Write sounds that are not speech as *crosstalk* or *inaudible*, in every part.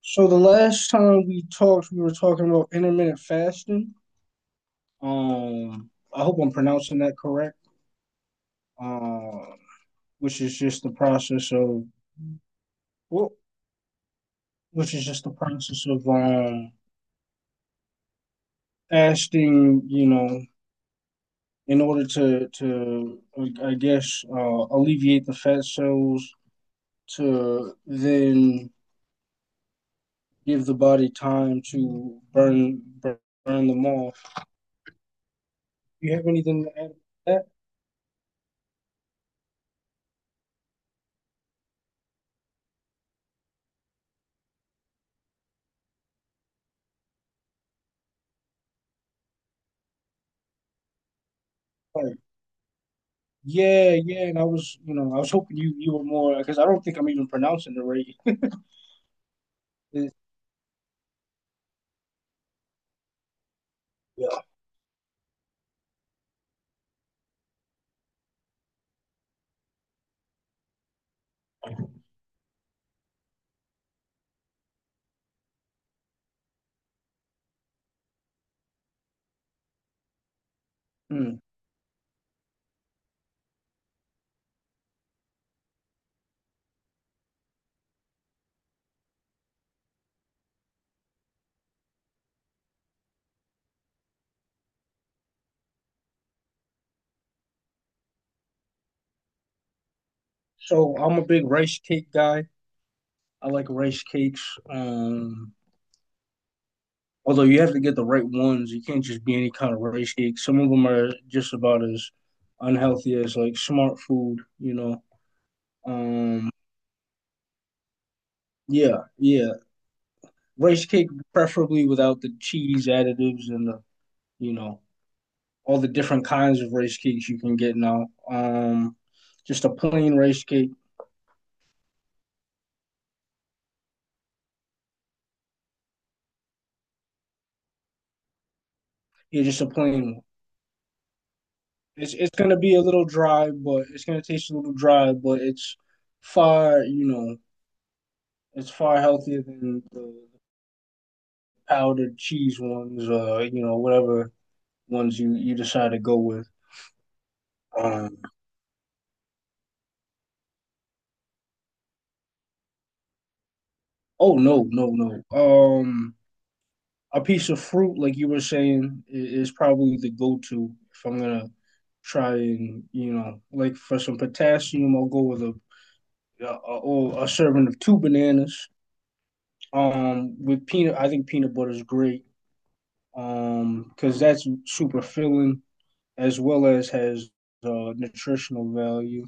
So the last time we talked, we were talking about intermittent fasting. I hope I'm pronouncing that correct. Um, which is just the process of well, which is just the process of fasting. In order to I guess uh, alleviate the fat cells to then give the body time to burn them off. Do you have anything to add to that? Like, Yeah, yeah, and I was hoping you were more because I don't think I'm even pronouncing it right. *laughs* Yeah. Mm. So I'm a big rice cake guy. I like rice cakes. Although you have to get the right ones. You can't just be any kind of rice cake. Some of them are just about as unhealthy as like smart food, Um, yeah, yeah. Rice cake preferably without the cheese additives and you know, all the different kinds of rice cakes you can get now. Just a plain rice cake. Yeah, just a plain. One. It's gonna be a little dry, but it's gonna taste a little dry, but it's far, it's far healthier than the powdered cheese ones or whatever ones you decide to go with. Um, oh, no, no, no. A piece of fruit, like you were saying, is probably the go-to if I'm gonna try and like for some potassium, I'll go with a, a, a serving of two bananas. With peanut, I think peanut butter is great. Because that's super filling as well as has nutritional value.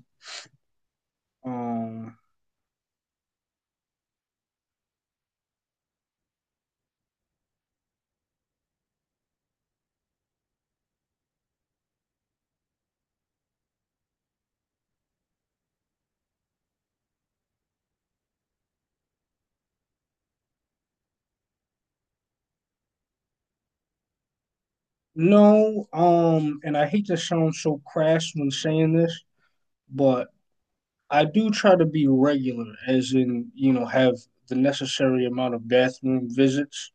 Um, no, and I hate to sound so crass when saying this, but I do try to be regular, as in, have the necessary amount of bathroom visits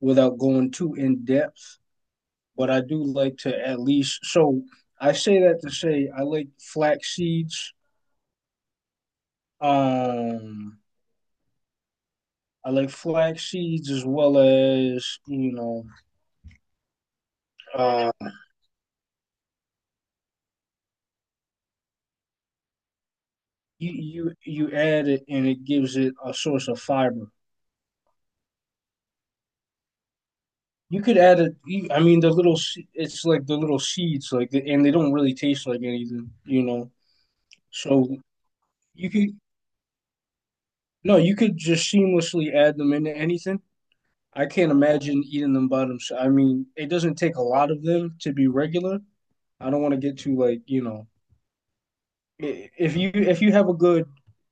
without going too in depth. But I do like to at least, so I say that to say I like flax seeds. Um, I like flax seeds as well as, uh, you, you, you add it and it gives it a source of fiber. You could add it. I mean, the little. It's like the little seeds, like, and they don't really taste like anything. So You could no, you could just seamlessly add them into anything. I can't imagine eating them by themselves. I mean, it doesn't take a lot of them to be regular. I don't want to get too like, if you have a good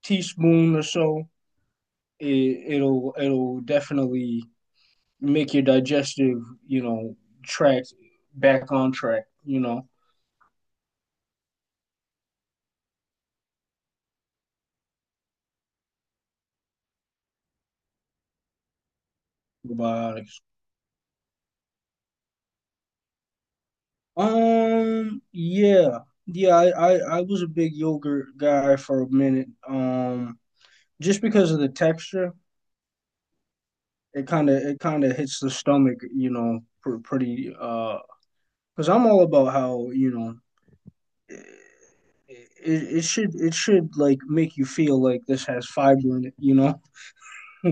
teaspoon or so, it'll definitely make your digestive, you know, track back on track. Probiotics. Yeah. Yeah, I was a big yogurt guy for a minute. Just because of the texture, it kind of hits the stomach, you know, pretty. Because I'm all about how you know. It should like make you feel like this has fiber in it.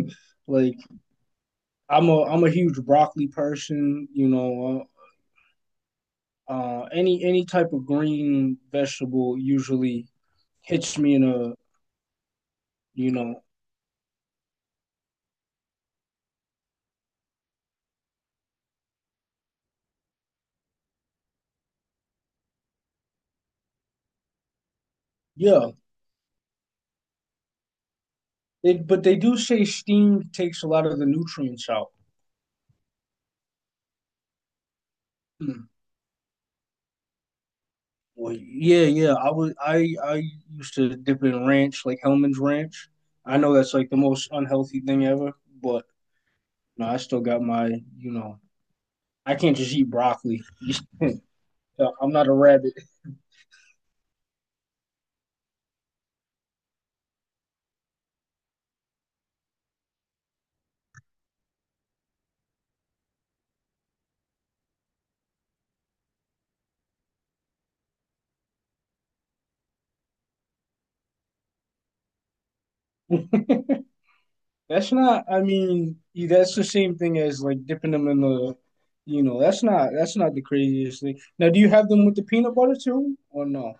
*laughs* Like I'm a huge broccoli person, you know. Any type of green vegetable usually hits me in a you know yeah. It, but they do say steam takes a lot of the nutrients out. Hmm. Well, yeah, yeah. I was I used to dip in ranch, like Hellman's Ranch. I know that's like the most unhealthy thing ever, but no, I still got my, you know, I can't just eat broccoli. *laughs* No, I'm not a rabbit. That's not. I mean, yeah, that's the same thing as like dipping them in the, that's not the craziest thing. Now, do you have them with the peanut butter too, or no?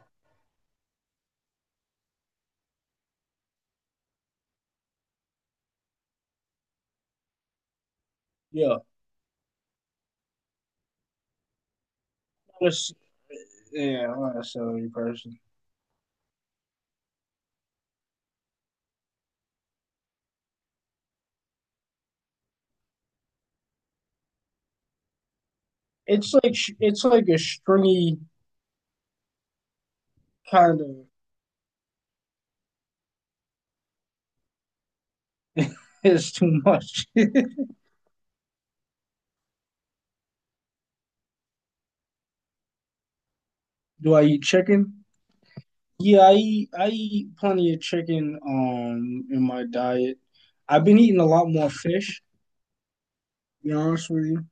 Yeah, That's- yeah. I'm not a celery person. It's like it's like a stringy kind of It's too much. *laughs* Do I eat chicken? Yeah, I eat plenty of chicken in my diet. I've been eating a lot more fish, to be honest with you.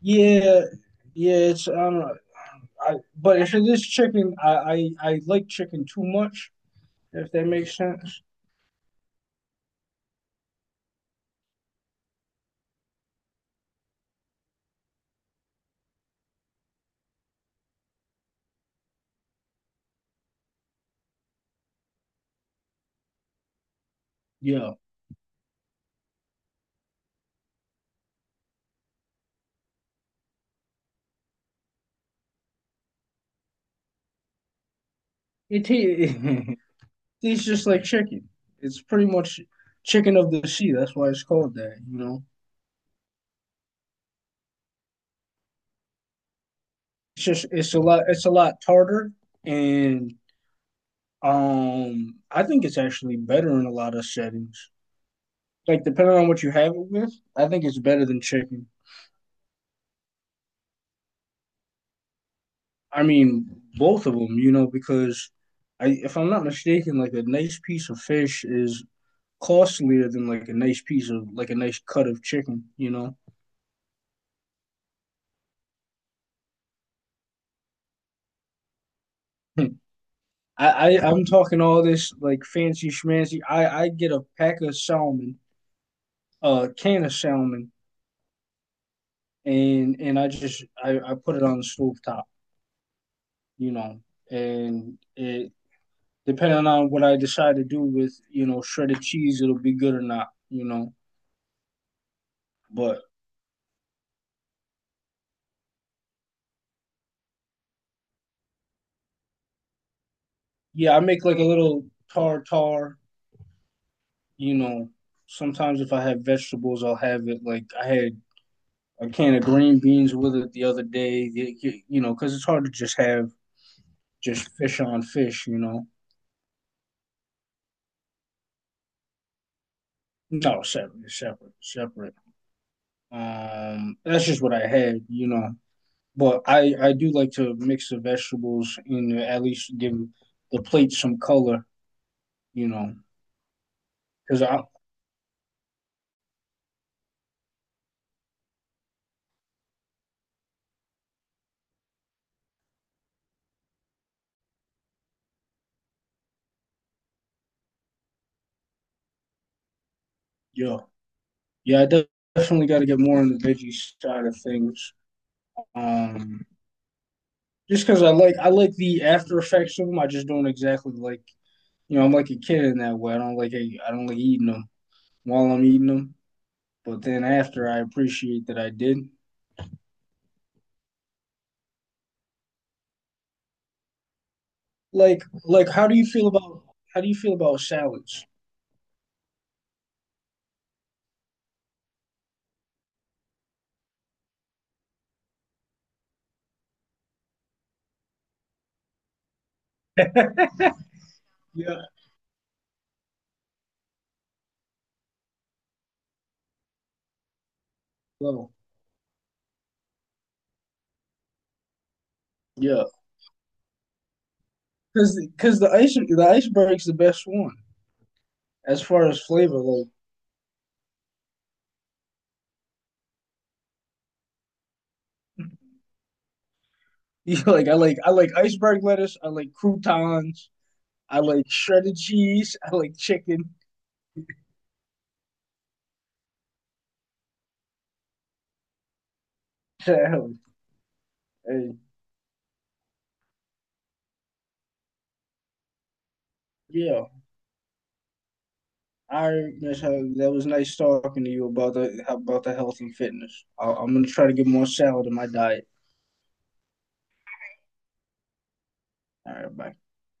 Yeah, yeah, it's I don't know. But if it is chicken, I like chicken too much, if that makes sense. Yeah. It ta- *laughs* tastes just like chicken. It's pretty much chicken of the sea. That's why it's called that, you know. It's a lot it's a lot tartar and I think it's actually better in a lot of settings. Like depending on what you have it with, I think it's better than chicken. I mean, both of them, you know, because I, if I'm not mistaken, like a nice piece of fish is costlier than like a nice piece of like a nice cut of chicken, you know. *laughs* I'm talking all this like fancy schmancy. I get a pack of salmon, a can of salmon, and I just I put it on the stove top, you know, and it depending on what I decide to do with, you know, shredded cheese, it'll be good or not, you know. But yeah, I make like a little tartar, you know. Sometimes if I have vegetables, I'll have it. Like I had a can of green beans with it the other day, you know, because it's hard to just have just fish on fish, you know. No, separate, separate, separate. That's just what I had, you know. But I do like to mix the vegetables and at least give the plate some color, you know. Because I, yeah, yeah, I definitely got to get more on the veggie side of things. Um, just because I like the after effects of them. I just don't exactly like, you know, I'm like a kid in that way. I don't like eating them while I'm eating them. But then after, I appreciate that I did. Like, like, how do you feel about how do you feel about salads? Yeah, well, yeah, because the iceberg's the best one as far as flavor. Like, *laughs* you like I like I like iceberg lettuce. I like croutons. I like shredded cheese. I like chicken. *laughs* and yeah, I miss how that was nice talking to you about the health and fitness. I'm gonna try to get more salad in my diet. All right, bye.